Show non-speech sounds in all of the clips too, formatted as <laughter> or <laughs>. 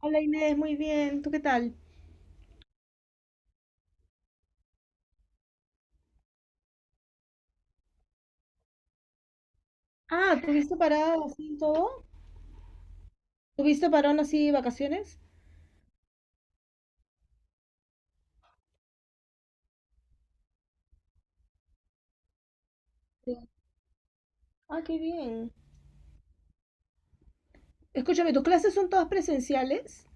Hola Inés, muy bien. ¿Tú qué tal? Ah, ¿tuviste parado así en todo? ¿Tuviste parón así vacaciones? Sí. Ah, qué bien. Escúchame, ¿tus clases son todas presenciales?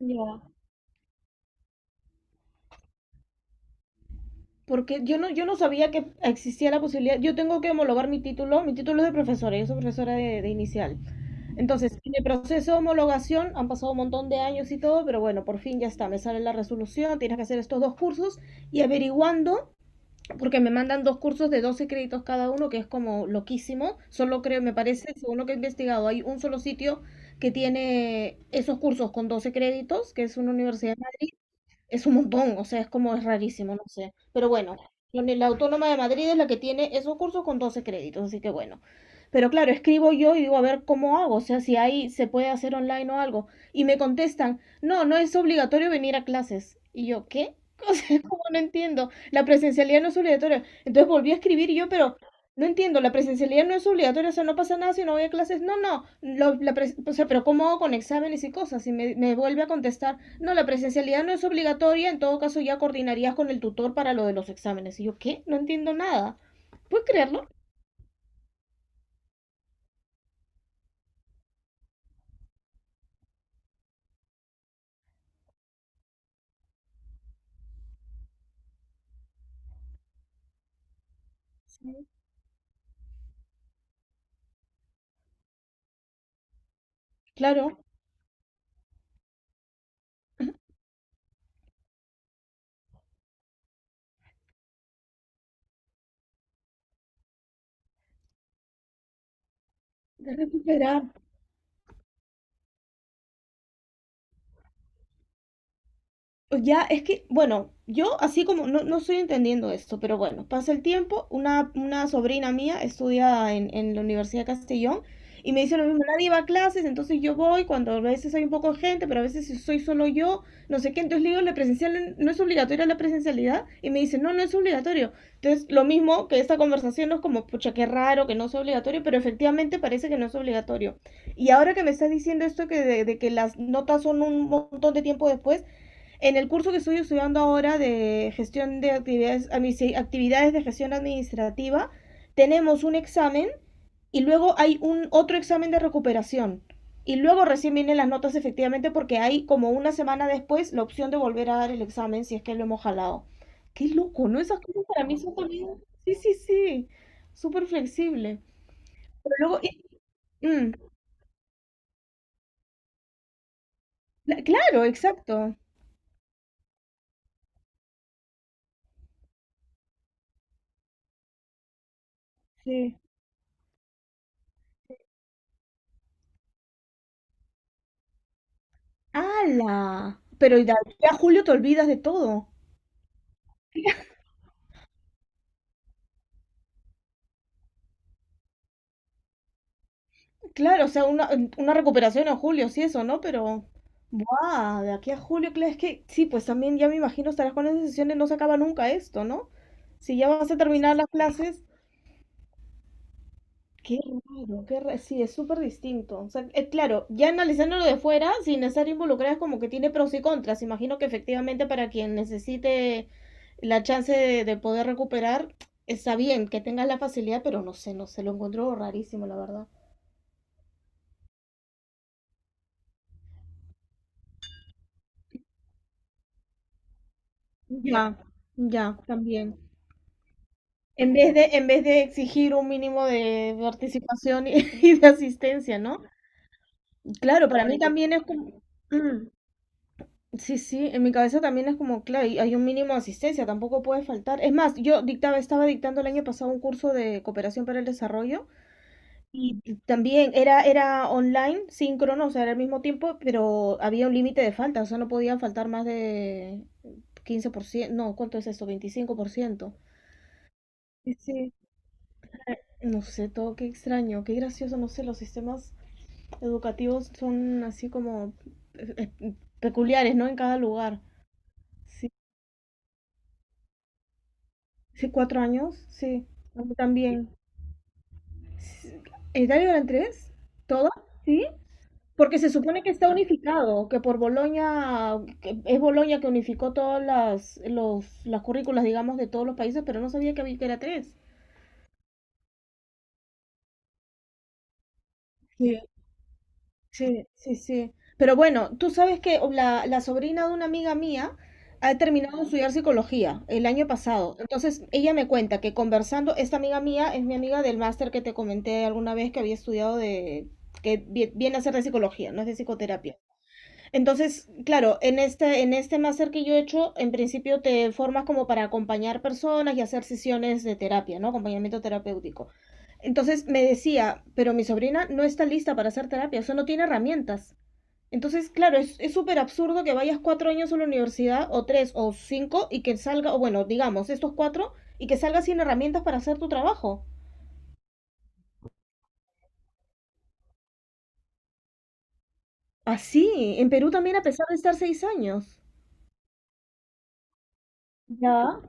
Ya. Porque yo no sabía que existía la posibilidad. Yo tengo que homologar mi título. Mi título es de profesora, yo soy profesora de inicial. Entonces, en el proceso de homologación han pasado un montón de años y todo, pero bueno, por fin ya está. Me sale la resolución, tienes que hacer estos dos cursos y averiguando, porque me mandan dos cursos de 12 créditos cada uno, que es como loquísimo. Solo creo, me parece, según lo que he investigado, hay un solo sitio que tiene esos cursos con 12 créditos, que es una universidad, es un montón, o sea, es como es rarísimo, no sé. Pero bueno, la Autónoma de Madrid es la que tiene esos cursos con 12 créditos, así que bueno. Pero claro, escribo yo y digo, a ver cómo hago, o sea, si ahí se puede hacer online o algo. Y me contestan, no, no es obligatorio venir a clases. Y yo, ¿qué? <laughs> O sea, como no entiendo, la presencialidad no es obligatoria. Entonces volví a escribir y yo, pero no entiendo, la presencialidad no es obligatoria, o sea, no pasa nada si no voy a clases. No, no, o sea, pero ¿cómo hago con exámenes y cosas? Y me vuelve a contestar, no, la presencialidad no es obligatoria, en todo caso ya coordinarías con el tutor para lo de los exámenes. Y yo, ¿qué? No entiendo nada. ¿Puedes creerlo? Sí. Claro. Esperar. Ya, es que, bueno, yo así como no, no estoy entendiendo esto, pero bueno, pasa el tiempo, una sobrina mía estudia en la Universidad de Castellón y me dice lo mismo, nadie va a clases, entonces yo voy cuando a veces hay un poco de gente, pero a veces si soy solo yo, no sé qué, entonces le digo, la presencial no es obligatoria, la presencialidad, y me dice, no, no es obligatorio. Entonces, lo mismo que esta conversación no es como, pucha, qué raro que no sea obligatorio, pero efectivamente parece que no es obligatorio. Y ahora que me estás diciendo esto que de que las notas son un montón de tiempo después, en el curso que estoy estudiando ahora de gestión de actividades, actividades de gestión administrativa, tenemos un examen y luego hay un otro examen de recuperación. Y luego recién vienen las notas efectivamente porque hay como una semana después la opción de volver a dar el examen si es que lo hemos jalado. Qué loco, ¿no? Esas cosas para mí son también... Sí, sí, sí. Súper flexible. Pero luego... mm, la- claro, exacto. Sí. ¡Hala! Pero ya, ya julio te olvidas de todo. Claro, o sea, una recuperación en julio, sí, eso, ¿no? Pero, ¡buah! De aquí a julio, claro, es que sí, pues también ya me imagino estarás con esas sesiones, no se acaba nunca esto, ¿no? Si ya vas a terminar las clases, qué qué raro, sí, es súper distinto. O sea, claro, ya analizándolo de fuera, sin estar involucrada, es como que tiene pros y contras. Imagino que efectivamente para quien necesite la chance de poder recuperar, está bien que tengas la facilidad, pero no sé, no sé, lo encuentro rarísimo, la verdad. Ya, ya, también. En vez de exigir un mínimo de participación y, <laughs> y de asistencia, ¿no? Claro, para mí también es como... Mm, sí, sí, en mi cabeza también es como, claro, y hay un mínimo de asistencia, tampoco puede faltar. Es más, yo dictaba, estaba dictando el año pasado un curso de cooperación para el desarrollo también era, era online, síncrono, o sea, era al mismo tiempo, pero había un límite de falta, o sea, no podía faltar más de 15%, no, ¿cuánto es esto? 25%. Sí, sí. No sé, todo qué extraño, qué gracioso, no sé, los sistemas educativos son así como eh, eh, peculiares, ¿no? En cada lugar. Sí, sí, 4 años, sí, a mí también. Sí. ¿Italia eran tres? ¿Todo? ¿Sí? Porque se supone que está unificado, que por Bolonia, que es Bolonia que unificó todas las currículas, digamos, de todos los países, pero no sabía que había que era tres. Sí, sí, sí. Pero bueno, tú sabes que la sobrina de una amiga mía ha terminado de estudiar psicología el año pasado. Entonces, ella me cuenta que conversando, esta amiga mía es mi amiga del máster que te comenté alguna vez que había estudiado de, que viene a ser de psicología, no es de psicoterapia. Entonces, claro, en este máster que yo he hecho, en principio te formas como para acompañar personas y hacer sesiones de terapia, ¿no? Acompañamiento terapéutico. Entonces me decía, pero mi sobrina no está lista para hacer terapia, o sea, no tiene herramientas. Entonces, claro, es súper absurdo que vayas 4 años a la universidad, o tres, o cinco, y que salga, o bueno, digamos, estos cuatro, y que salgas sin herramientas para hacer tu trabajo. Así, en Perú también a pesar de estar 6 años. Ya,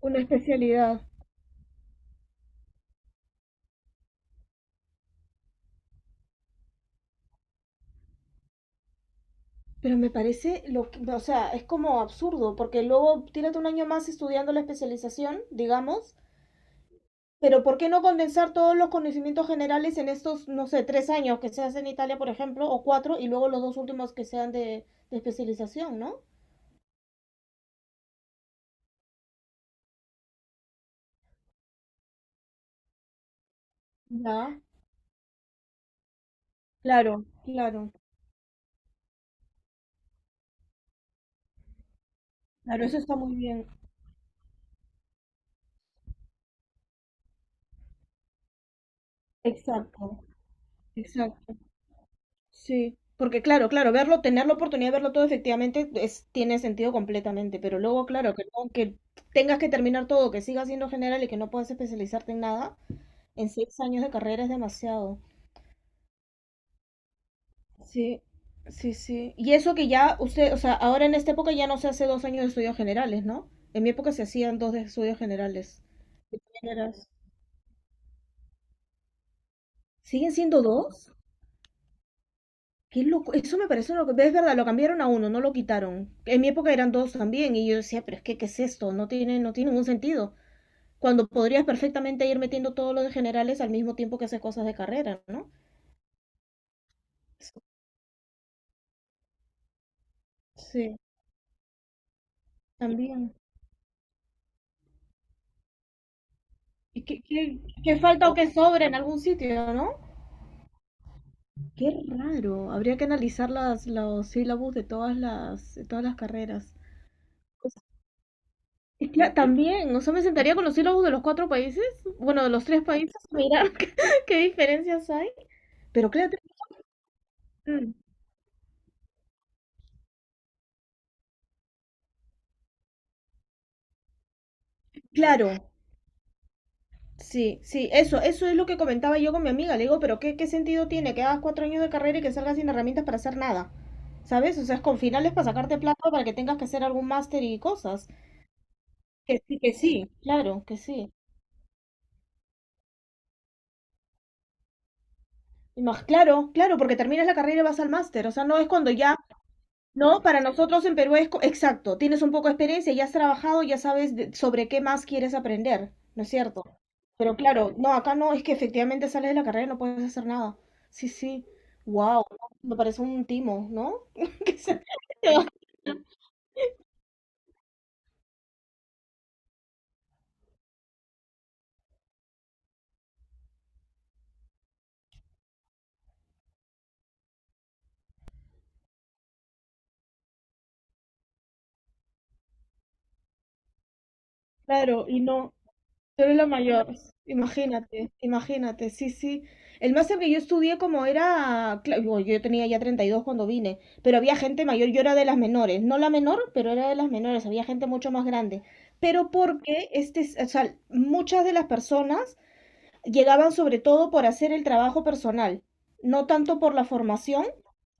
una especialidad. Pero me parece, lo que- o sea, es como absurdo, porque luego tírate un año más estudiando la especialización, digamos, pero ¿por qué no condensar todos los conocimientos generales en estos, no sé, 3 años que se hacen en Italia, por ejemplo, o cuatro, y luego los dos últimos que sean de especialización, ¿no? Ya, claro, claro, claro, eso está muy bien. Exacto, exacto. Sí, porque claro, claro, verlo, tener la oportunidad de verlo todo efectivamente es, tiene sentido completamente, pero luego, claro, que, que tengas que terminar todo, que sigas siendo general y que no puedas especializarte en nada, en 6 años de carrera es demasiado. Sí, sí, sí. Y eso que ya usted, o sea, ahora en esta época ya no se hace 2 años de estudios generales, ¿no? En mi época se hacían dos de estudios generales. Generas. ¿Siguen siendo dos? Qué loco, eso me parece loco. Es verdad, lo cambiaron a uno, no lo quitaron. En mi época eran dos también, y yo decía, pero es que, ¿qué es esto? No tiene, no tiene ningún sentido. Cuando podrías perfectamente ir metiendo todos los de generales al mismo tiempo que haces cosas de carrera, ¿no? Sí, también. Y qué, qué falta o qué sobra en algún sitio, ¿no? Qué raro. Habría que analizar las, los sílabos de todas las carreras. Pues, también, o sea, me sentaría con los sílabos de los cuatro países, bueno, de los tres países, a mirar <laughs> qué, qué diferencias hay. Pero claro, mm, claro, sí, sí, eso es lo que comentaba yo con mi amiga. Le digo, pero ¿qué, qué sentido tiene que hagas 4 años de carrera y que salgas sin herramientas para hacer nada? ¿Sabes? O sea, es con finales para sacarte plata para que tengas que hacer algún máster y cosas. Que sí, que sí. Claro, que sí. Y más, claro, claro, porque terminas la carrera y vas al máster. O sea, no es cuando ya no, para nosotros en Perú es exacto, tienes un poco de experiencia, ya has trabajado, ya sabes sobre qué más quieres aprender, ¿no es cierto? Pero claro, no, acá no, es que efectivamente sales de la carrera y no puedes hacer nada. Sí, sí, wow, me parece un timo, ¿no? <laughs> Que se- <laughs> Claro, y no, tú eres la mayor, imagínate, imagínate, sí, sí. El máster que yo estudié como era, yo tenía ya 32 cuando vine, pero había gente mayor, yo era de las menores, no la menor, pero era de las menores, había gente mucho más grande. Pero porque este, o sea, muchas de las personas llegaban sobre todo por hacer el trabajo personal, no tanto por la formación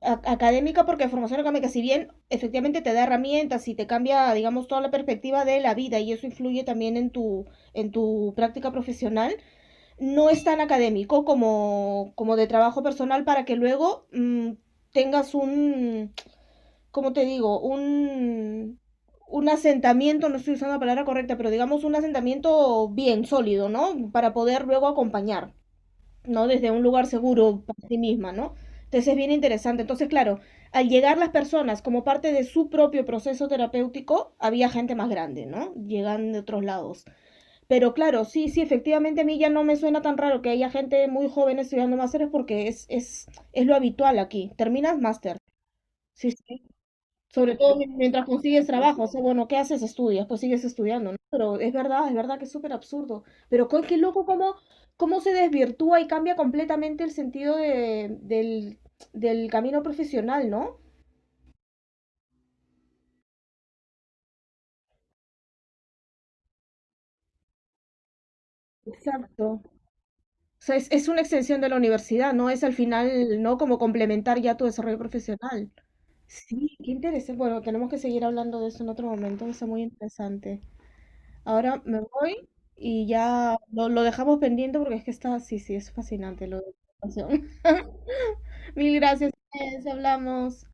académica, porque la formación académica, si bien efectivamente te da herramientas y te cambia, digamos, toda la perspectiva de la vida y eso influye también en tu práctica profesional, no es tan académico como, como de trabajo personal para que luego tengas un, ¿cómo te digo? Un asentamiento, no estoy usando la palabra correcta, pero digamos un asentamiento bien sólido, ¿no? Para poder luego acompañar. ¿No? Desde un lugar seguro para sí misma, ¿no? Entonces es bien interesante. Entonces, claro, al llegar las personas como parte de su propio proceso terapéutico, había gente más grande, ¿no? Llegan de otros lados. Pero claro, sí, sí, efectivamente a mí ya no me suena tan raro que haya gente muy joven estudiando másteres porque es lo habitual aquí. Terminas máster. Sí, sí. Sobre todo mientras consigues trabajo, o sea, bueno, ¿qué haces? Estudias, pues sigues estudiando, ¿no? Pero es verdad que es súper absurdo. Pero qué loco cómo, cómo se desvirtúa y cambia completamente el sentido de, del camino profesional, ¿no? Exacto. O sea, es una extensión de la universidad, ¿no? Es al final, ¿no? Como complementar ya tu desarrollo profesional. Sí, qué interesante. Bueno, tenemos que seguir hablando de eso en otro momento, que está muy interesante. Ahora me voy y ya lo dejamos pendiente porque es que está, sí, sí, es fascinante lo de la educación. <laughs> Mil gracias, Inés, hablamos.